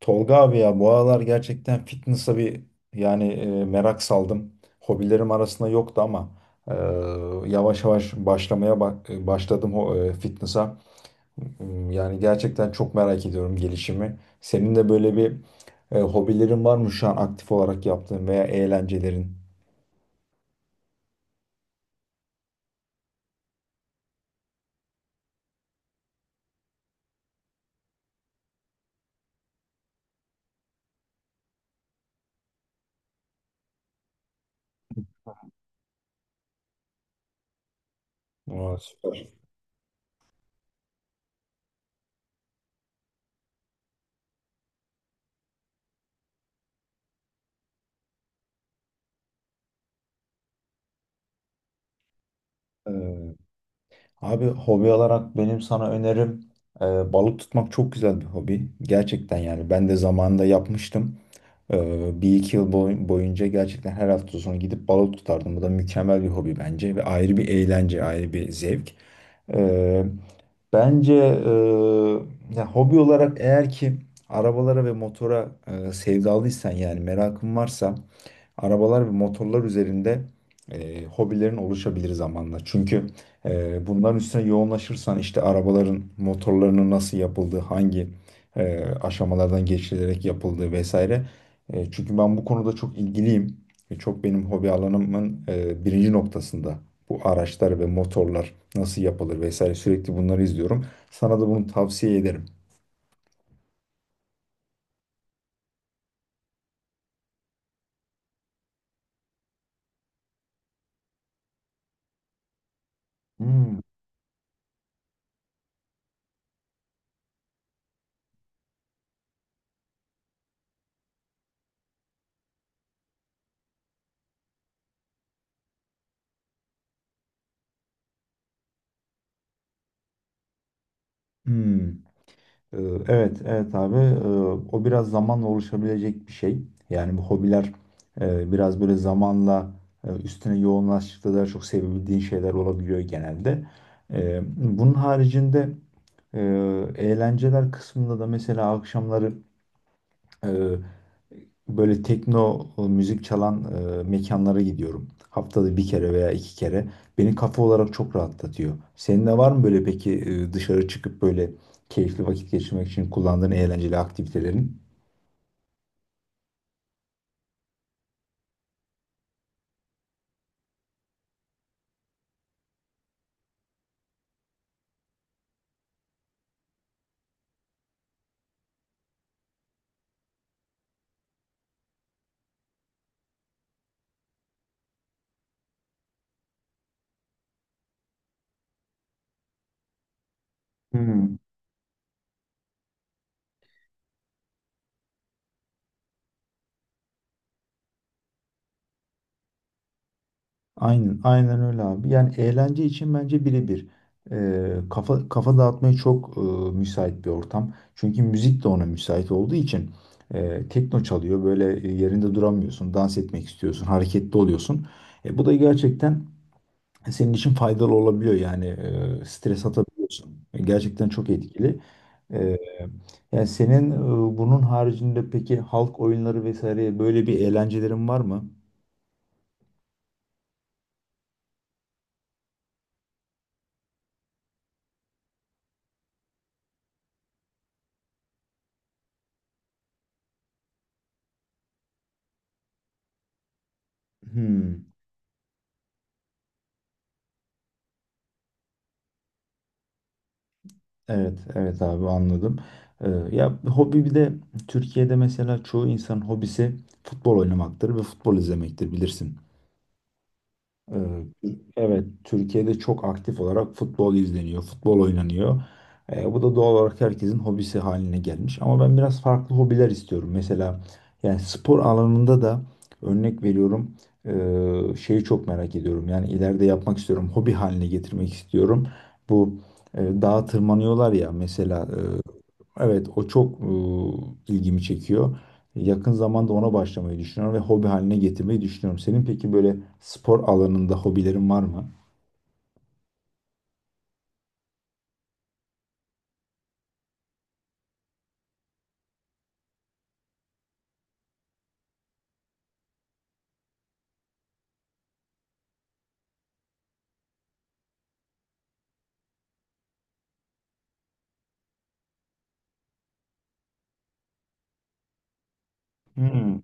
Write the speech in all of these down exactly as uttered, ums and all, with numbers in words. Tolga abi ya bu aralar gerçekten fitness'a bir yani e, merak saldım. Hobilerim arasında yoktu ama e, yavaş yavaş başlamaya bak, e, başladım ho- e, fitness'a. M- Yani gerçekten çok merak ediyorum gelişimi. Senin de böyle bir e, hobilerin var mı şu an aktif olarak yaptığın veya eğlencelerin? Aa, süper. Ee, Abi hobi olarak benim sana önerim, e, balık tutmak çok güzel bir hobi. Gerçekten yani ben de zamanında yapmıştım. Ee, bir iki yıl boy- boyunca gerçekten her hafta sonu gidip balık tutardım. Bu da mükemmel bir hobi bence ve ayrı bir eğlence, ayrı bir zevk. Ee, bence e, Ya hobi olarak, eğer ki arabalara ve motora e, sevdalıysan, yani merakın varsa arabalar ve motorlar üzerinde e, hobilerin oluşabilir zamanla. Çünkü e, bunların üstüne yoğunlaşırsan işte arabaların motorlarının nasıl yapıldığı, hangi e, aşamalardan geçilerek yapıldığı vesaire. E, çünkü ben bu konuda çok ilgiliyim. E, çok benim hobi alanımın e, birinci noktasında. Bu araçlar ve motorlar nasıl yapılır vesaire, sürekli bunları izliyorum. Sana da bunu tavsiye ederim. Hmm. Hmm. Ee, Evet, evet abi. Ee, O biraz zamanla oluşabilecek bir şey. Yani bu hobiler e, biraz böyle zamanla, e, üstüne yoğunlaştıkça daha çok sevebildiğin şeyler olabiliyor genelde. Ee, Bunun haricinde, e, eğlenceler kısmında da mesela akşamları, e, böyle tekno e, müzik çalan e, mekanlara gidiyorum. Haftada bir kere veya iki kere. Beni kafa olarak çok rahatlatıyor. Senin de var mı böyle peki, e, dışarı çıkıp böyle keyifli vakit geçirmek için kullandığın eğlenceli aktivitelerin? Hmm. Aynen, aynen öyle abi. Yani eğlence için bence birebir. E, kafa kafa dağıtmaya çok e, müsait bir ortam. Çünkü müzik de ona müsait olduğu için e, tekno çalıyor. Böyle e, yerinde duramıyorsun, dans etmek istiyorsun, hareketli oluyorsun. E, bu da gerçekten senin için faydalı olabiliyor, yani e, stres atabiliyorsun. Gerçekten çok etkili. E, Yani senin e, bunun haricinde peki halk oyunları vesaire, böyle bir eğlencelerin var mı? Hmm, evet evet abi, anladım. E, Ya hobi bir de Türkiye'de mesela çoğu insanın hobisi futbol oynamaktır ve futbol izlemektir, bilirsin. Ee, Evet, Türkiye'de çok aktif olarak futbol izleniyor, futbol oynanıyor. Ee, bu da doğal olarak herkesin hobisi haline gelmiş. Ama ben biraz farklı hobiler istiyorum. Mesela yani spor alanında da, örnek veriyorum, ee, şeyi çok merak ediyorum. Yani ileride yapmak istiyorum, hobi haline getirmek istiyorum. Bu e, Dağa tırmanıyorlar ya mesela. e, Evet, o çok e, ilgimi çekiyor. Yakın zamanda ona başlamayı düşünüyorum ve hobi haline getirmeyi düşünüyorum. Senin peki böyle spor alanında hobilerin var mı? Hmm.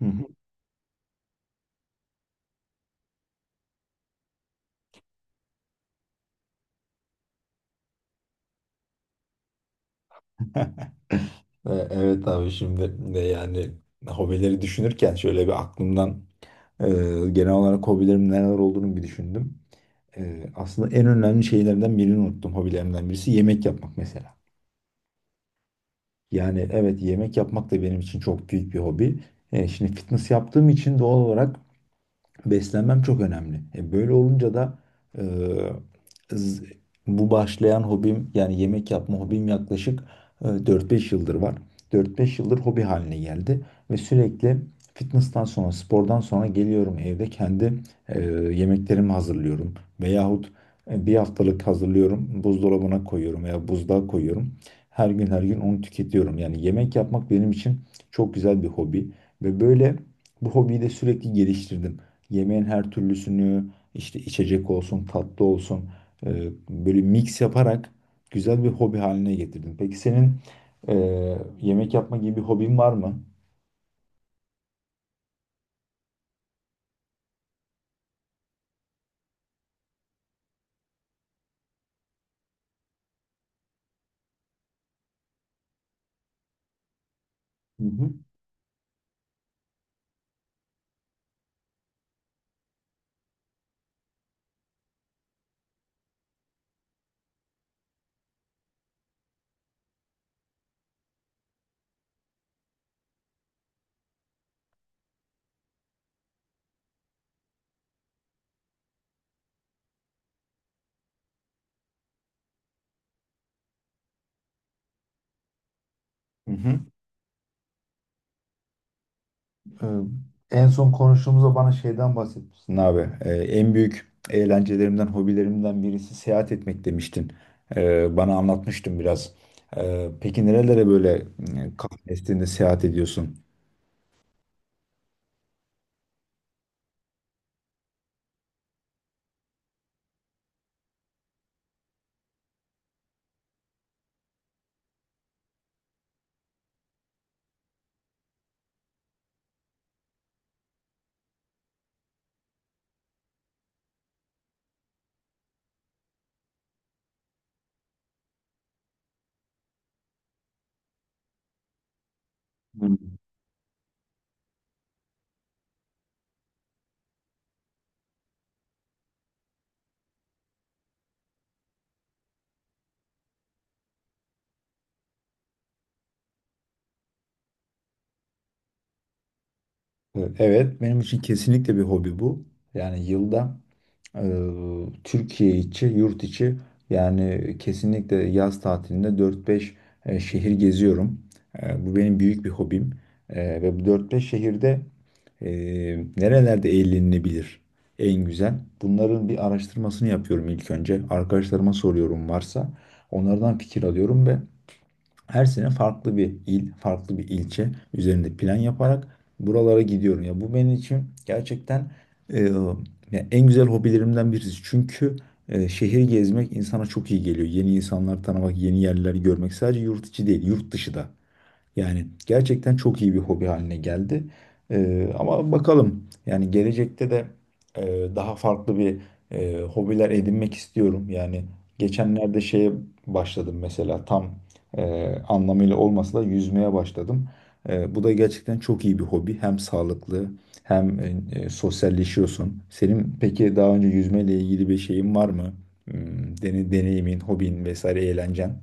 Hı hı. E, Evet abi, şimdi de yani hobileri düşünürken şöyle bir aklımdan, e, genel olarak hobilerimin neler olduğunu bir düşündüm. E, aslında en önemli şeylerden birini unuttum, hobilerimden birisi yemek yapmak mesela. Yani evet, yemek yapmak da benim için çok büyük bir hobi. E, şimdi fitness yaptığım için doğal olarak beslenmem çok önemli. E, böyle olunca da, e, z- bu başlayan hobim, yani yemek yapma hobim yaklaşık e, dört beş yıldır var. Dört beş yıldır hobi haline geldi ve sürekli fitness'tan sonra, spordan sonra geliyorum evde kendi e, yemeklerimi hazırlıyorum, veyahut e, bir haftalık hazırlıyorum, buzdolabına koyuyorum veya buzluğa koyuyorum. Her gün her gün onu tüketiyorum. Yani yemek yapmak benim için çok güzel bir hobi ve böyle bu hobiyi de sürekli geliştirdim. Yemeğin her türlüsünü, işte içecek olsun, tatlı olsun, e, böyle mix yaparak güzel bir hobi haline getirdim. Peki senin e, yemek yapma gibi bir hobin var mı? Hı hı. Hı hı. E, en son konuştuğumuzda bana şeyden bahsetmiştin abi. E, en büyük eğlencelerimden, hobilerimden birisi seyahat etmek demiştin. E, bana anlatmıştın biraz. E, peki nerelere böyle e, kafa estiğinde seyahat ediyorsun? Ee, Evet, benim için kesinlikle bir hobi bu. Yani yılda, e, Türkiye içi, yurt içi, yani kesinlikle yaz tatilinde dört beş e, şehir geziyorum. E, bu benim büyük bir hobim. E, ve bu dört beş şehirde e, nerelerde eğlenilebilir en güzel? Bunların bir araştırmasını yapıyorum ilk önce. Arkadaşlarıma soruyorum, varsa onlardan fikir alıyorum ve her sene farklı bir il, farklı bir ilçe üzerinde plan yaparak buralara gidiyorum. Ya bu benim için gerçekten, e, ya en güzel hobilerimden birisi. Çünkü e, şehir gezmek insana çok iyi geliyor. Yeni insanlar tanımak, yeni yerleri görmek, sadece yurt içi değil, yurt dışı da. Yani gerçekten çok iyi bir hobi haline geldi. Ee, ama bakalım, yani gelecekte de e, daha farklı bir e, hobiler edinmek istiyorum. Yani geçenlerde şeye başladım mesela, tam e, anlamıyla olmasa da yüzmeye başladım. E, bu da gerçekten çok iyi bir hobi. Hem sağlıklı hem e, e, sosyalleşiyorsun. Senin peki daha önce yüzmeyle ilgili bir şeyin var mı? Hmm, Deni, deneyimin, hobin vesaire, eğlencen?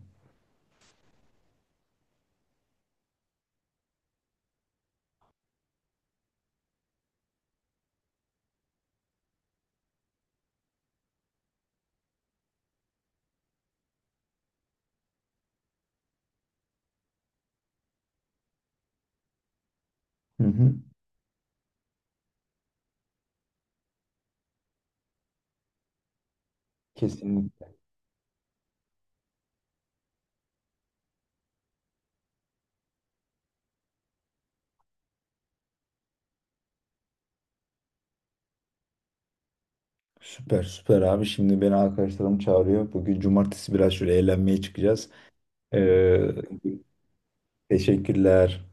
Hı hı. Kesinlikle. Süper süper abi. Şimdi beni arkadaşlarım çağırıyor. Bugün cumartesi biraz şöyle eğlenmeye çıkacağız. Ee, teşekkürler.